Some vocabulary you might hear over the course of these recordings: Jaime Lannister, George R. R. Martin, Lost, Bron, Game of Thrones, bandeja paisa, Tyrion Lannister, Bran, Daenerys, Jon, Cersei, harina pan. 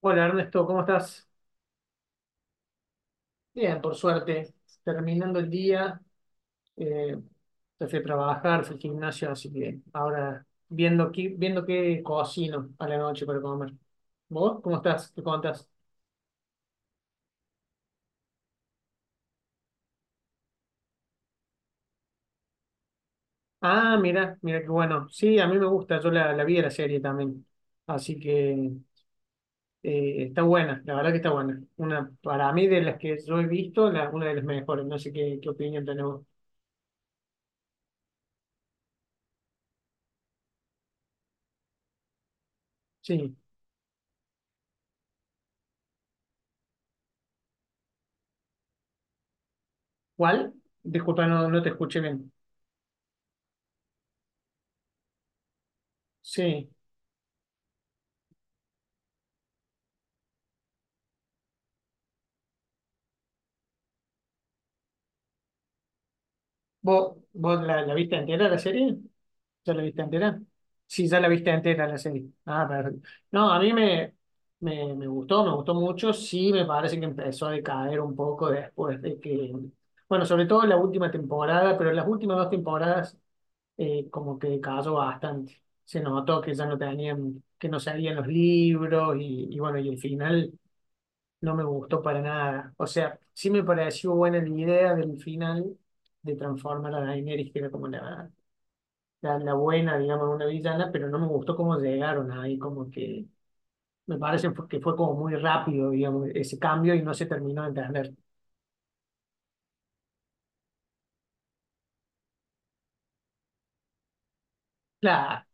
Hola Ernesto, ¿cómo estás? Bien, por suerte. Terminando el día, eh, te fui a trabajar, fui al gimnasio, así que ahora viendo, viendo qué cocino a la noche para comer. ¿Vos cómo estás? ¿Qué contás? Ah, mira, mira qué bueno. Sí, a mí me gusta, yo la vi la serie también. Así que está buena, la verdad que está buena. Una, para mí, de las que yo he visto, una de las mejores. No sé qué opinión tenés vos. Sí. ¿Cuál? Disculpa, no te escuché bien. Sí. ¿Vos la viste entera la serie? ¿Ya la viste entera? Sí, ya la viste entera la serie. Ah. No, a mí me gustó mucho. Sí, me parece que empezó a decaer un poco después de que, bueno, sobre todo en la última temporada, pero en las últimas dos temporadas como que decayó bastante. Se notó que ya no tenían, que no salían los libros y bueno, y el final no me gustó para nada. O sea, sí me pareció buena la idea del final de transformar a Daenerys, que era como la buena, digamos, una villana, pero no me gustó cómo llegaron ahí, como que me parece que fue como muy rápido, digamos, ese cambio y no se terminó de entender. Claro,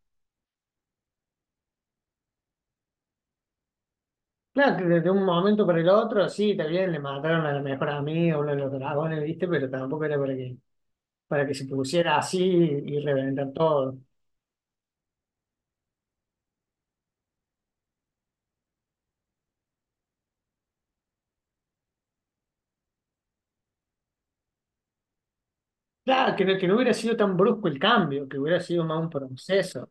claro que desde un momento para el otro. Sí, también le mataron a la mejor amiga, uno de los dragones, ¿viste? Pero tampoco era para que se pusiera así y reventar todo. Claro, que no hubiera sido tan brusco el cambio, que hubiera sido más un proceso.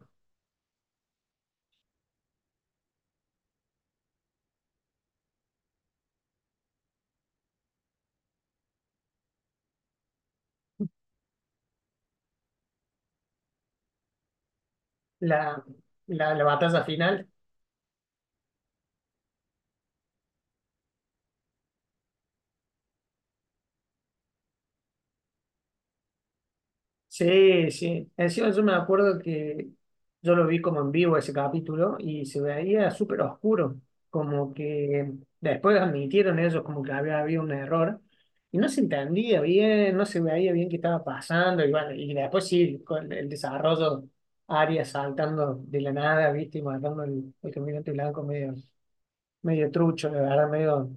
La, la batalla final. Sí, sí. Encima yo me acuerdo que yo lo vi como en vivo ese capítulo y se veía súper oscuro. Como que después admitieron ellos como que había habido un error y no se entendía bien, no se veía bien qué estaba pasando. Y bueno, y después sí, con el desarrollo, Arya saltando de la nada, ¿viste? Y matando al caminante blanco medio, medio trucho, de verdad, medio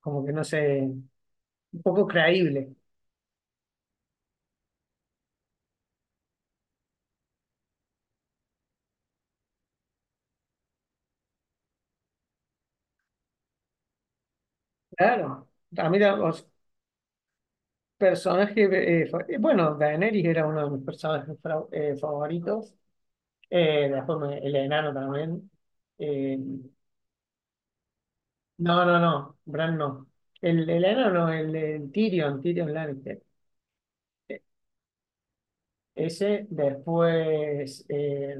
como que no sé, un poco creíble. Claro. A mí, la- o- Personaje, bueno, Daenerys era uno de mis personajes favoritos. Después el enano también. Eh, no, no, no, Bran no. El enano, no, el Tyrion Lannister. Eh, Ese, después,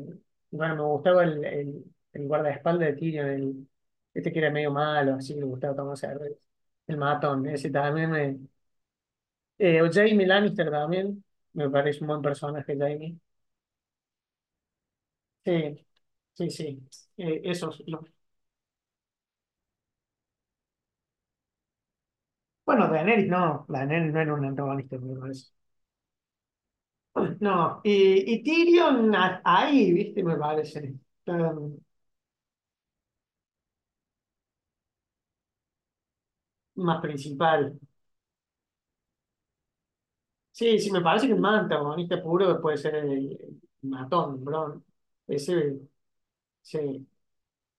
bueno, me gustaba el guardaespaldas de Tyrion, este que era medio malo, así le gustaba tomar cerveza. El matón, ese también me. Jaime Lannister también, me parece un buen personaje, Jaime. Sí. Sí, sí, esos. Bueno, Daenerys no era un antagonista, me parece. No, y Tyrion ahí, viste, me parece, está más principal. Sí, sí, me parece que el más antagonista puro puede ser el matón, Bron. Ese, sí.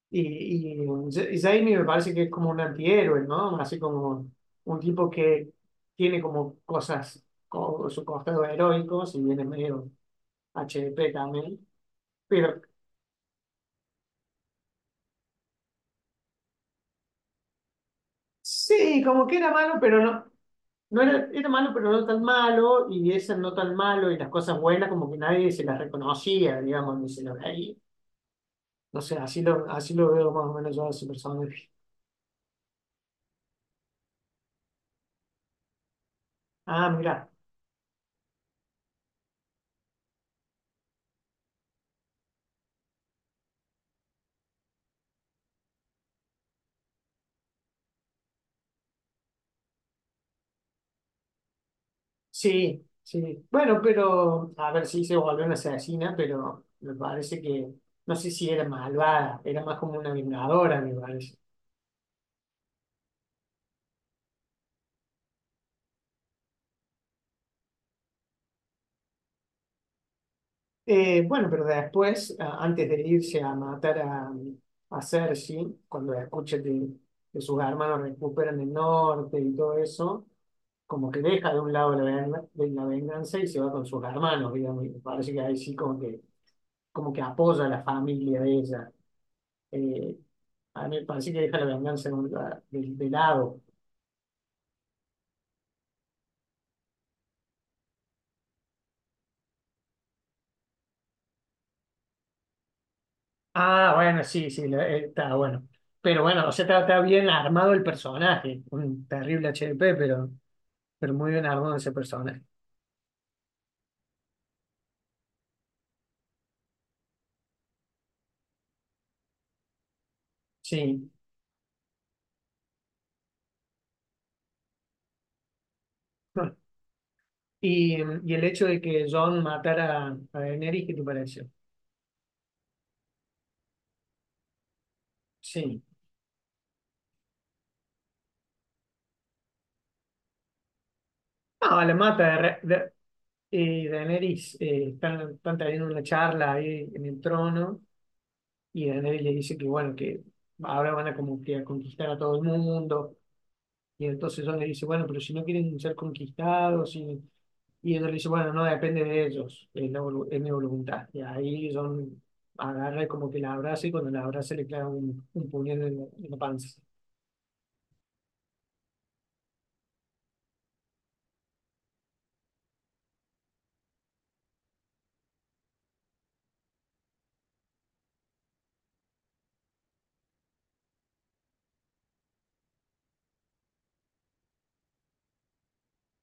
Y Jaime me parece que es como un antihéroe, ¿no? Así como un tipo que tiene como cosas, su costado heroico, si bien es medio HDP también, pero... Sí, como que era malo, pero no era, malo, pero no tan malo, y ese no tan malo, y las cosas buenas como que nadie se las reconocía, digamos, ni se lo veía. No sé, así lo veo más o menos yo a ese personaje. Ah, mira, sí, sí. Bueno, pero, a ver, si se volvió una asesina, pero me parece que no sé si era malvada, era más como una vengadora, me parece. Bueno, pero después, antes de irse a matar a Cersei, cuando escucha que sus hermanos recuperan el norte y todo eso, como que deja de un lado de la venganza y se va con sus hermanos, digamos, y me parece que ahí sí como que apoya a la familia de ella. Eh, a mí me parece que deja la venganza de lado. Ah, bueno, sí, sí, está bueno. Pero bueno, o sea, está bien armado el personaje, un terrible HDP, pero muy bien armado ese personaje. Sí. Y, y el hecho de que Jon matara a Daenerys, ¿qué te pareció? Sí. No, la mata. Daenerys, están teniendo una charla ahí en el trono y Daenerys le dice que, bueno, que ahora van a como que a conquistar a todo el mundo. Y entonces Dios le dice, bueno, pero si no quieren ser conquistados, y ella le dice, bueno, no depende de ellos, es mi voluntad. Y ahí John agarra y como que la abraza y cuando la abraza le clava un puñal en la panza.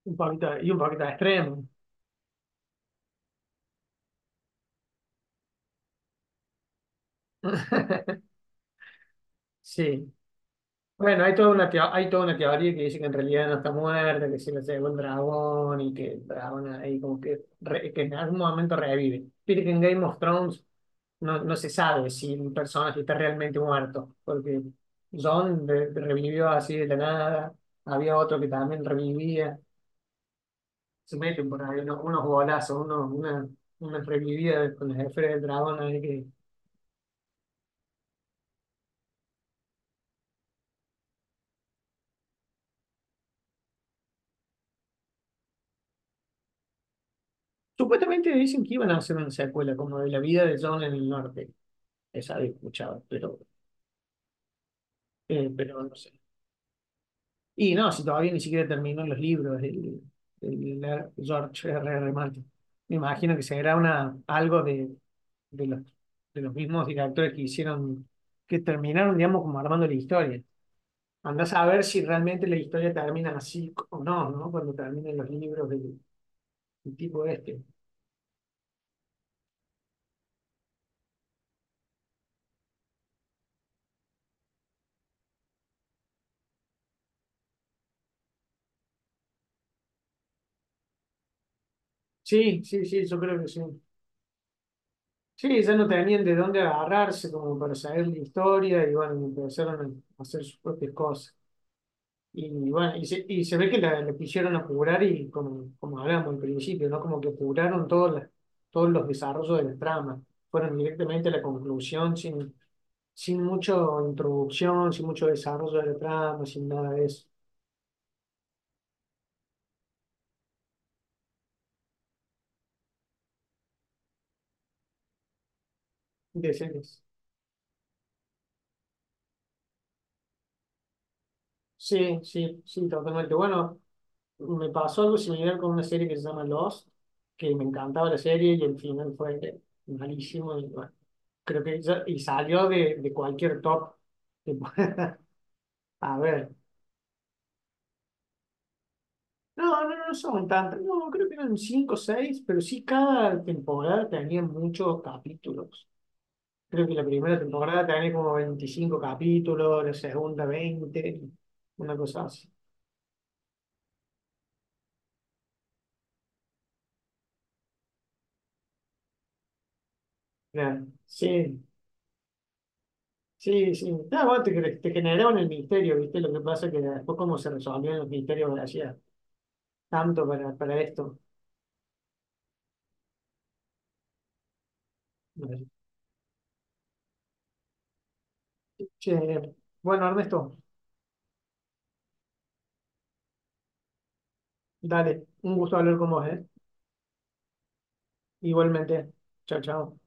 Un poquito, y un poquito extremo. Sí. Bueno, hay toda una teoría que dice que en realidad no está muerta, que se la llevó el dragón y que el dragón ahí como que, que en algún momento revive. Viste que en Game of Thrones no se sabe si un personaje está realmente muerto, porque John revivió así de la nada, había otro que también revivía, se meten por ahí unos golazos, una revivida con las esferas del dragón, ahí que supuestamente dicen que iban a hacer una secuela como de la vida de John en el norte, esa había escuchado, pero no sé. Y no, si todavía ni siquiera terminó los libros el George R. R. Martin. Me imagino que será algo de los, de los mismos directores que hicieron, que terminaron, digamos, como armando la historia. Andás a ver si realmente la historia termina así o no, ¿no? Cuando terminan los libros del tipo este. Sí, sí, sí, yo creo que sí. Sí, ya no tenían de dónde agarrarse como para saber la historia y bueno, empezaron a hacer sus propias cosas. Y bueno, y se ve que la pusieron a apurar y como hablábamos al principio, ¿no? Como que apuraron todos, todos los desarrollos de la trama. Fueron directamente a la conclusión sin mucha introducción, sin mucho desarrollo de la trama, sin nada de eso. De series. Sí, sí, sí, totalmente. Bueno, me pasó algo similar con una serie que se llama Lost, que me encantaba la serie y el final fue malísimo. Y bueno, creo que y salió de, cualquier top que pueda haber. No, no, no son tantas. No, creo que eran cinco o seis, pero sí cada temporada tenía muchos capítulos. Creo que la primera temporada tenía como 25 capítulos, la segunda 20, una cosa así. Claro. Sí, sí, sí. Ah, bueno, te generaron el misterio, ¿viste? Lo que pasa es que después cómo se resolvían los misterios gracias tanto para esto. Bueno, che, bueno, Ernesto, dale, un gusto hablar con vos, ¿eh? Igualmente. Chao, chao.